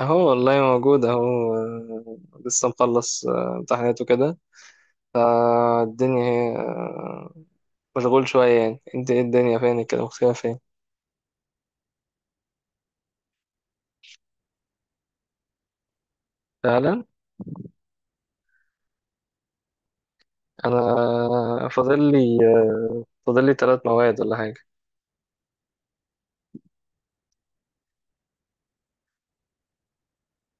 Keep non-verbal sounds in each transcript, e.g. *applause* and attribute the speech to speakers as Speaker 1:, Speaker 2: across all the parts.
Speaker 1: اهو والله موجود اهو لسه مخلص امتحانات وكده فالدنيا هي مشغول شوية يعني انت ايه الدنيا فين كده مختفية فين. فعلا. انا آه، فاضل لي آه، فاضل لي ثلاث مواد ولا حاجة.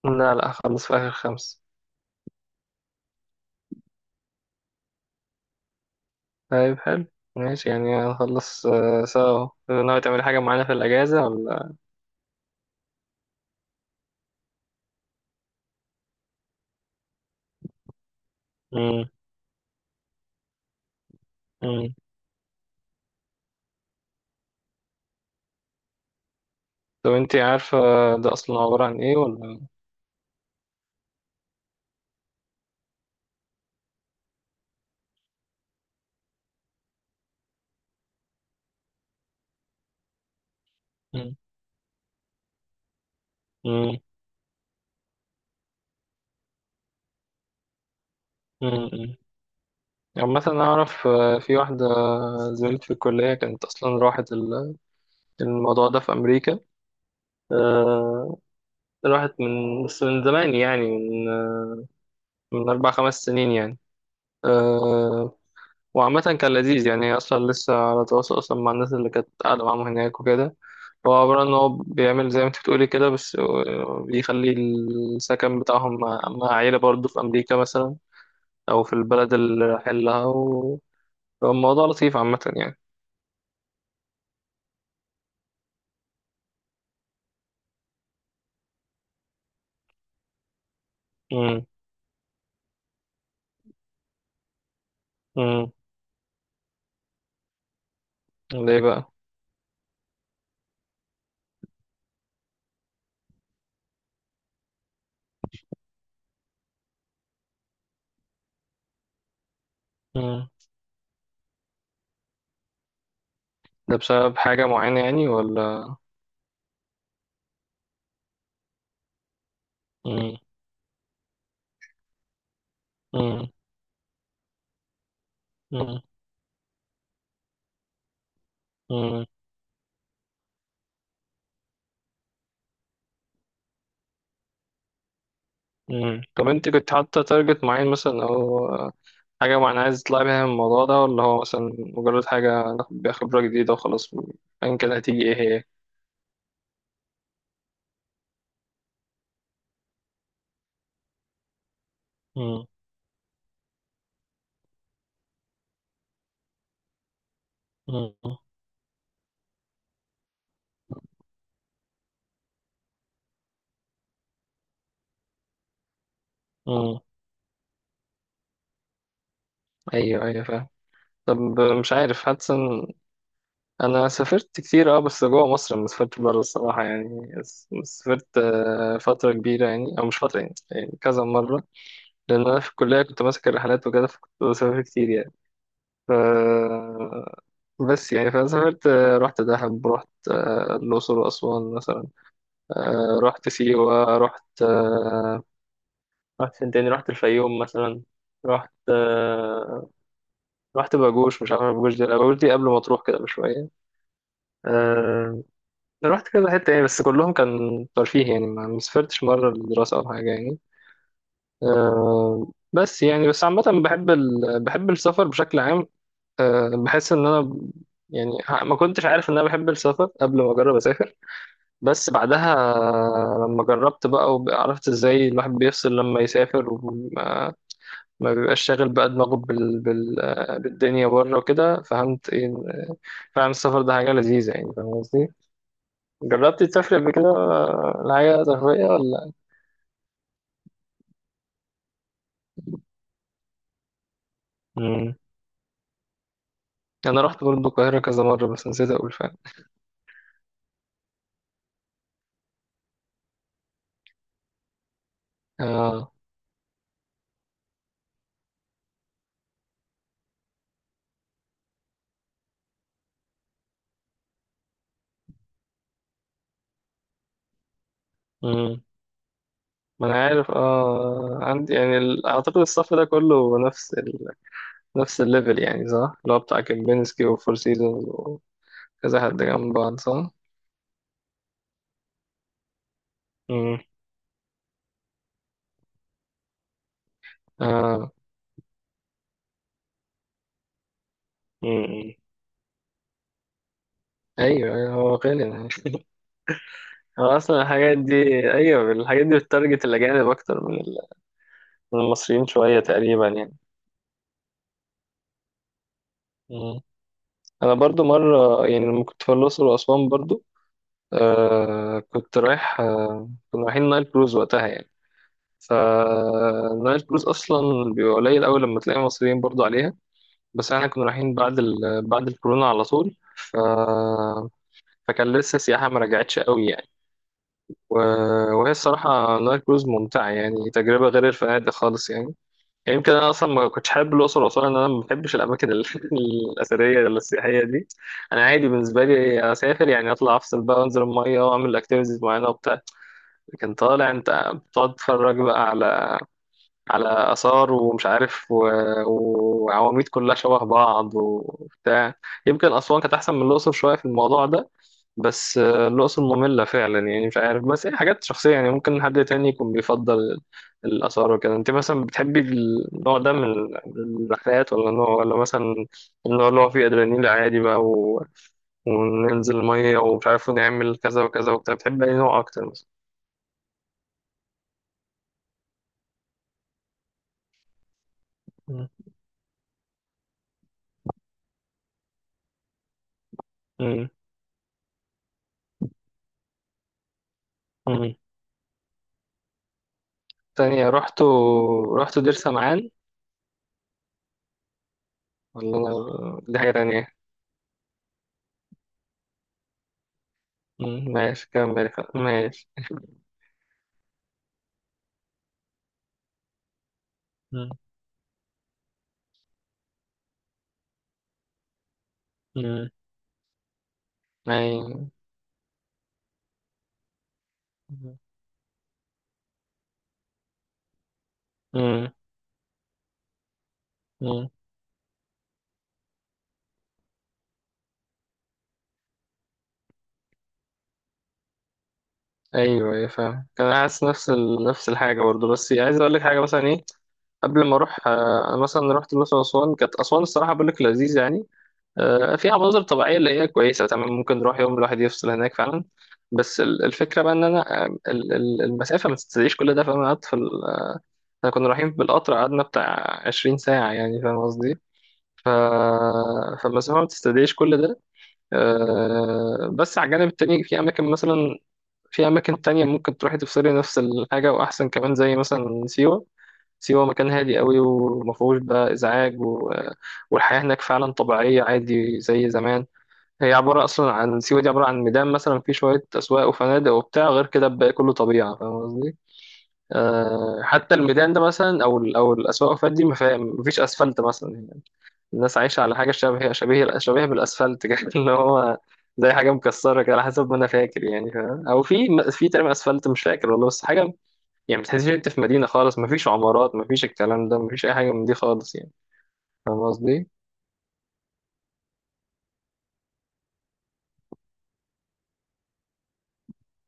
Speaker 1: لا هخلص في اخر خمس. طيب حلو، ماشي يعني هنخلص سوا، ناوي تعملي حاجة معانا في الأجازة ولا؟ مم. مم. طب انت عارفة ده أصلا عبارة عن ايه ولا؟ مم. مم. مم. عامة أنا أعرف في واحدة زميلتي في الكلية كانت أصلا راحت الموضوع ده في أمريكا، آه، راحت من، بس من زمان يعني من من أربع خمس سنين يعني، آه، وعامة كان لذيذ، يعني هي أصلا لسه على تواصل أصلا مع الناس اللي كانت قاعدة معاهم هناك وكده. هو عبارة إن هو بيعمل زي ما أنت بتقولي كده، بس بيخلي السكن بتاعهم مع عيلة برضه في أمريكا مثلا، أو في البلد اللي رايحين لها فالموضوع لطيف عامة يعني. مم. مم. ليه بقى؟ مم. ده بسبب حاجة معينة يعني ولا؟ مم. مم. مم. مم. مم. طب انت كنت حاطة تارجت معين مثلا او حاجة معينة عايز تطلعي بيها من الموضوع ده، ولا هو مثلا مجرد حاجة ناخد بيها خبرة جديدة وخلاص ايا كان هتيجي ايه هي؟ مم. مم. مم. ايوه ايوه، فاهم. طب مش عارف، حاسس ان انا سافرت كتير اه، بس جوه مصر، ما سافرت بره الصراحة يعني، سافرت فترة كبيرة يعني، او مش فترة يعني، يعني كذا مرة، لأن أنا في الكلية كنت ماسك الرحلات وكده فكنت بسافر كتير يعني. ف بس يعني فأنا سافرت، رحت دهب، رحت الأقصر وأسوان مثلا، رحت سيوة، رحت رحت فين تاني، رحت الفيوم مثلا، رحت رحت باجوش، مش عارف باجوش دي، لا، باجوش دي قبل ما تروح كده بشوية. آه، رحت كذا حتة يعني، بس كلهم كان ترفيه يعني، ما سافرتش مرة للدراسة أو حاجة يعني. بس يعني بس عامة بحب بحب السفر بشكل عام. أه بحس ان انا يعني ما كنتش عارف ان انا بحب السفر قبل ما اجرب اسافر، بس بعدها لما جربت بقى وعرفت ازاي الواحد بيفصل لما يسافر وما ما بيبقاش شاغل بقى دماغه بالدنيا بره وكده، فهمت ايه إن- فعلا السفر ده حاجة لذيذة يعني، فاهم قصدي؟ جربتي تسافري قبل كده لحاجة ترفيهية ولا؟ مم. انا رحت برضه القاهرة كذا مرة بس نسيت اقول فعلا. اه. مم. ما انا عارف اه، عندي يعني اعتقد الصف ده كله نفس نفس الليفل يعني، صح؟ اللي هو بتاع كيمبينسكي وفور سيزونز وكذا، حد جنب بعض، صح؟ امم. اه. امم. ايوه، هو غالي يعني. هو اصلا الحاجات دي، ايوه الحاجات دي بتتارجت الاجانب اكتر من من المصريين شويه تقريبا يعني. مم. انا برضو مره يعني لما كنت في الاقصر واسوان برضو، كنت رايح آه كنا رايحين نايل كروز وقتها يعني، فنايل كروز اصلا بيبقى قليل قوي لما تلاقي مصريين برضو عليها، بس احنا كنا رايحين بعد بعد الكورونا على طول فكان لسه السياحه ما رجعتش قوي يعني و... وهي الصراحه نايل كروز ممتعه يعني، تجربه غير الفنادق خالص يعني. يعني يمكن انا اصلا ما كنتش حابب الاقصر واسوان لان انا ما بحبش الاماكن *laughs* الاثريه ولا السياحيه دي. انا عادي بالنسبه لي اسافر يعني اطلع افصل بقى وانزل الميه واعمل اكتيفيتيز معينه وبتاع، لكن طالع انت بتقعد تتفرج بقى على آثار ومش عارف وعواميد كلها شبه بعض وبتاع. يمكن أسوان كانت أحسن من الأقصر شوية في الموضوع ده، بس الأقصر مملة فعلا يعني، مش عارف، بس هي حاجات شخصية يعني، ممكن حد تاني يكون بيفضل الآثار وكده. أنت مثلا بتحبي النوع ده من الرحلات، ولا نوع، ولا مثلا النوع اللي هو فيه أدرينالين عادي بقى وننزل مية ومش عارف نعمل كذا وكذا وبتاع، بتحبي أي نوع أكتر مثلا؟ مم. مم. مم. تانية رحت، رحت دير سمعان والله، دي حاجة تانية. ماشي كمل، ماشي. مم، مم، أي. مم، مم. أيوه أيوه فاهم، كان حاسس نفس نفس الحاجة برضه، بس عايز أقول لك حاجة مثلا. إيه قبل ما أروح أنا مثلا رحت الأقصر وأسوان، كانت أسوان الصراحة بقول لك لذيذ يعني، فيها مناظر طبيعية اللي هي كويسة تمام، ممكن نروح يوم الواحد يفصل هناك فعلا، بس الفكرة بقى إن أنا المسافة ما تستدعيش كل ده، فأنا قعدت في إحنا كنا رايحين بالقطر قعدنا بتاع 20 ساعة يعني، فاهم قصدي؟ ف... فالمسافة ما بتستدعيش كل ده. بس على الجانب التاني في أماكن مثلا، في أماكن تانية ممكن تروحي تفصلي نفس الحاجة وأحسن كمان، زي مثلا سيوة. سيوة مكان هادي قوي ومفهوش بقى إزعاج والحياة هناك فعلا طبيعية عادي زي زمان. هي عبارة أصلا عن، سيوة دي عبارة عن ميدان مثلا فيه شوية أسواق وفنادق وبتاع، غير كده الباقي كله طبيعة، فاهم قصدي؟ حتى الميدان ده مثلا أو الأسواق والفنادق دي ما فيها- مفيش أسفلت مثلا، الناس عايشة على حاجة شبه، شبيه بالأسفلت كده *laughs* اللي هو زي حاجة مكسرة كده على حسب ما أنا فاكر يعني، فاهم؟ أو في تقريبا أسفلت، مش فاكر والله، بس حاجة يعني ما تحسش أنت في مدينة خالص، ما فيش عمارات، ما فيش الكلام ده، ما فيش أي حاجة من دي خالص يعني، فاهم قصدي؟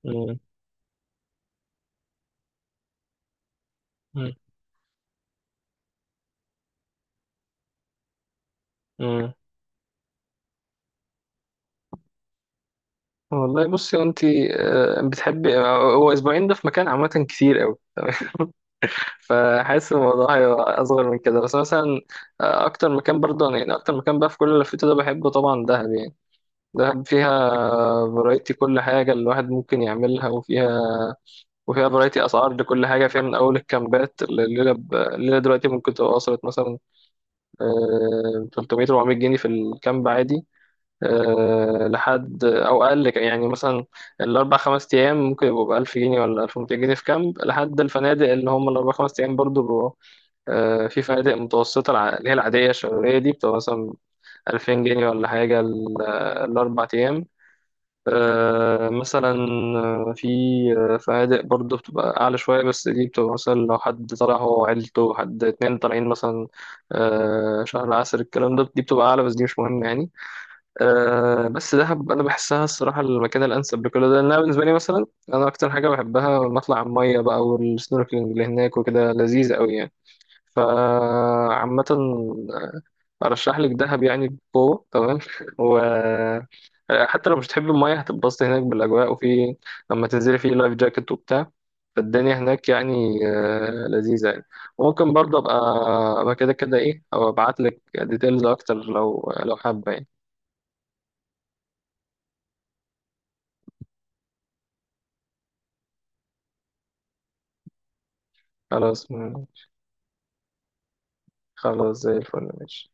Speaker 1: مم. مم. مم. والله بصي أنت، بتحبي، هو أسبوعين ده في مكان عامة كتير أوي *laughs* فحاسس الموضوع هيبقى أصغر من كده، بس مثلا أكتر مكان برضه يعني، أكتر مكان بقى في كل اللي لفيته ده بحبه طبعا دهب يعني. دهب فيها فرايتي كل حاجة الواحد ممكن يعملها، وفيها فرايتي أسعار لكل حاجة فيها، من أول الكامبات الليلة الليلة دلوقتي ممكن تبقى وصلت مثلا 300 400 جنيه في الكامب عادي، لحد أو أقل، يعني مثلا الأربع خمس أيام ممكن يبقوا بألف جنيه ولا 1200 جنيه في كامب، لحد الفنادق اللي هم الأربع خمس أيام برضو بيبقوا في فنادق متوسطة اللي هي العادية الشهرية دي بتبقى مثلا 2000 جنيه ولا حاجة الأربع أيام، آه، مثلا آه، في آه، فنادق برضه بتبقى أعلى شوية، بس دي بتبقى مثلا لو حد طالع هو وعيلته، حد اتنين طالعين مثلا شهر عسل الكلام ده، دي بتبقى أعلى، بس دي مش مهم يعني. بس دهب أنا بحسها الصراحة المكان الأنسب لكل ده، لأنها بالنسبة لي مثلا، أنا أكتر حاجة بحبها لما أطلع على المية بقى والسنوركلينج اللي هناك وكده لذيذ أوي يعني. فعامة أرشح لك دهب يعني بقوة تمام *laughs* حتى لو مش تحب المية هتتبسط هناك بالأجواء، وفي لما تنزلي في لايف جاكيت وبتاع، فالدنيا هناك يعني لذيذة يعني. وممكن برضه أبقى، أبقى كده كده إيه، أو أبعت لك ديتيلز أكتر لو حابة يعني. خلاص، زي الفل ماشي.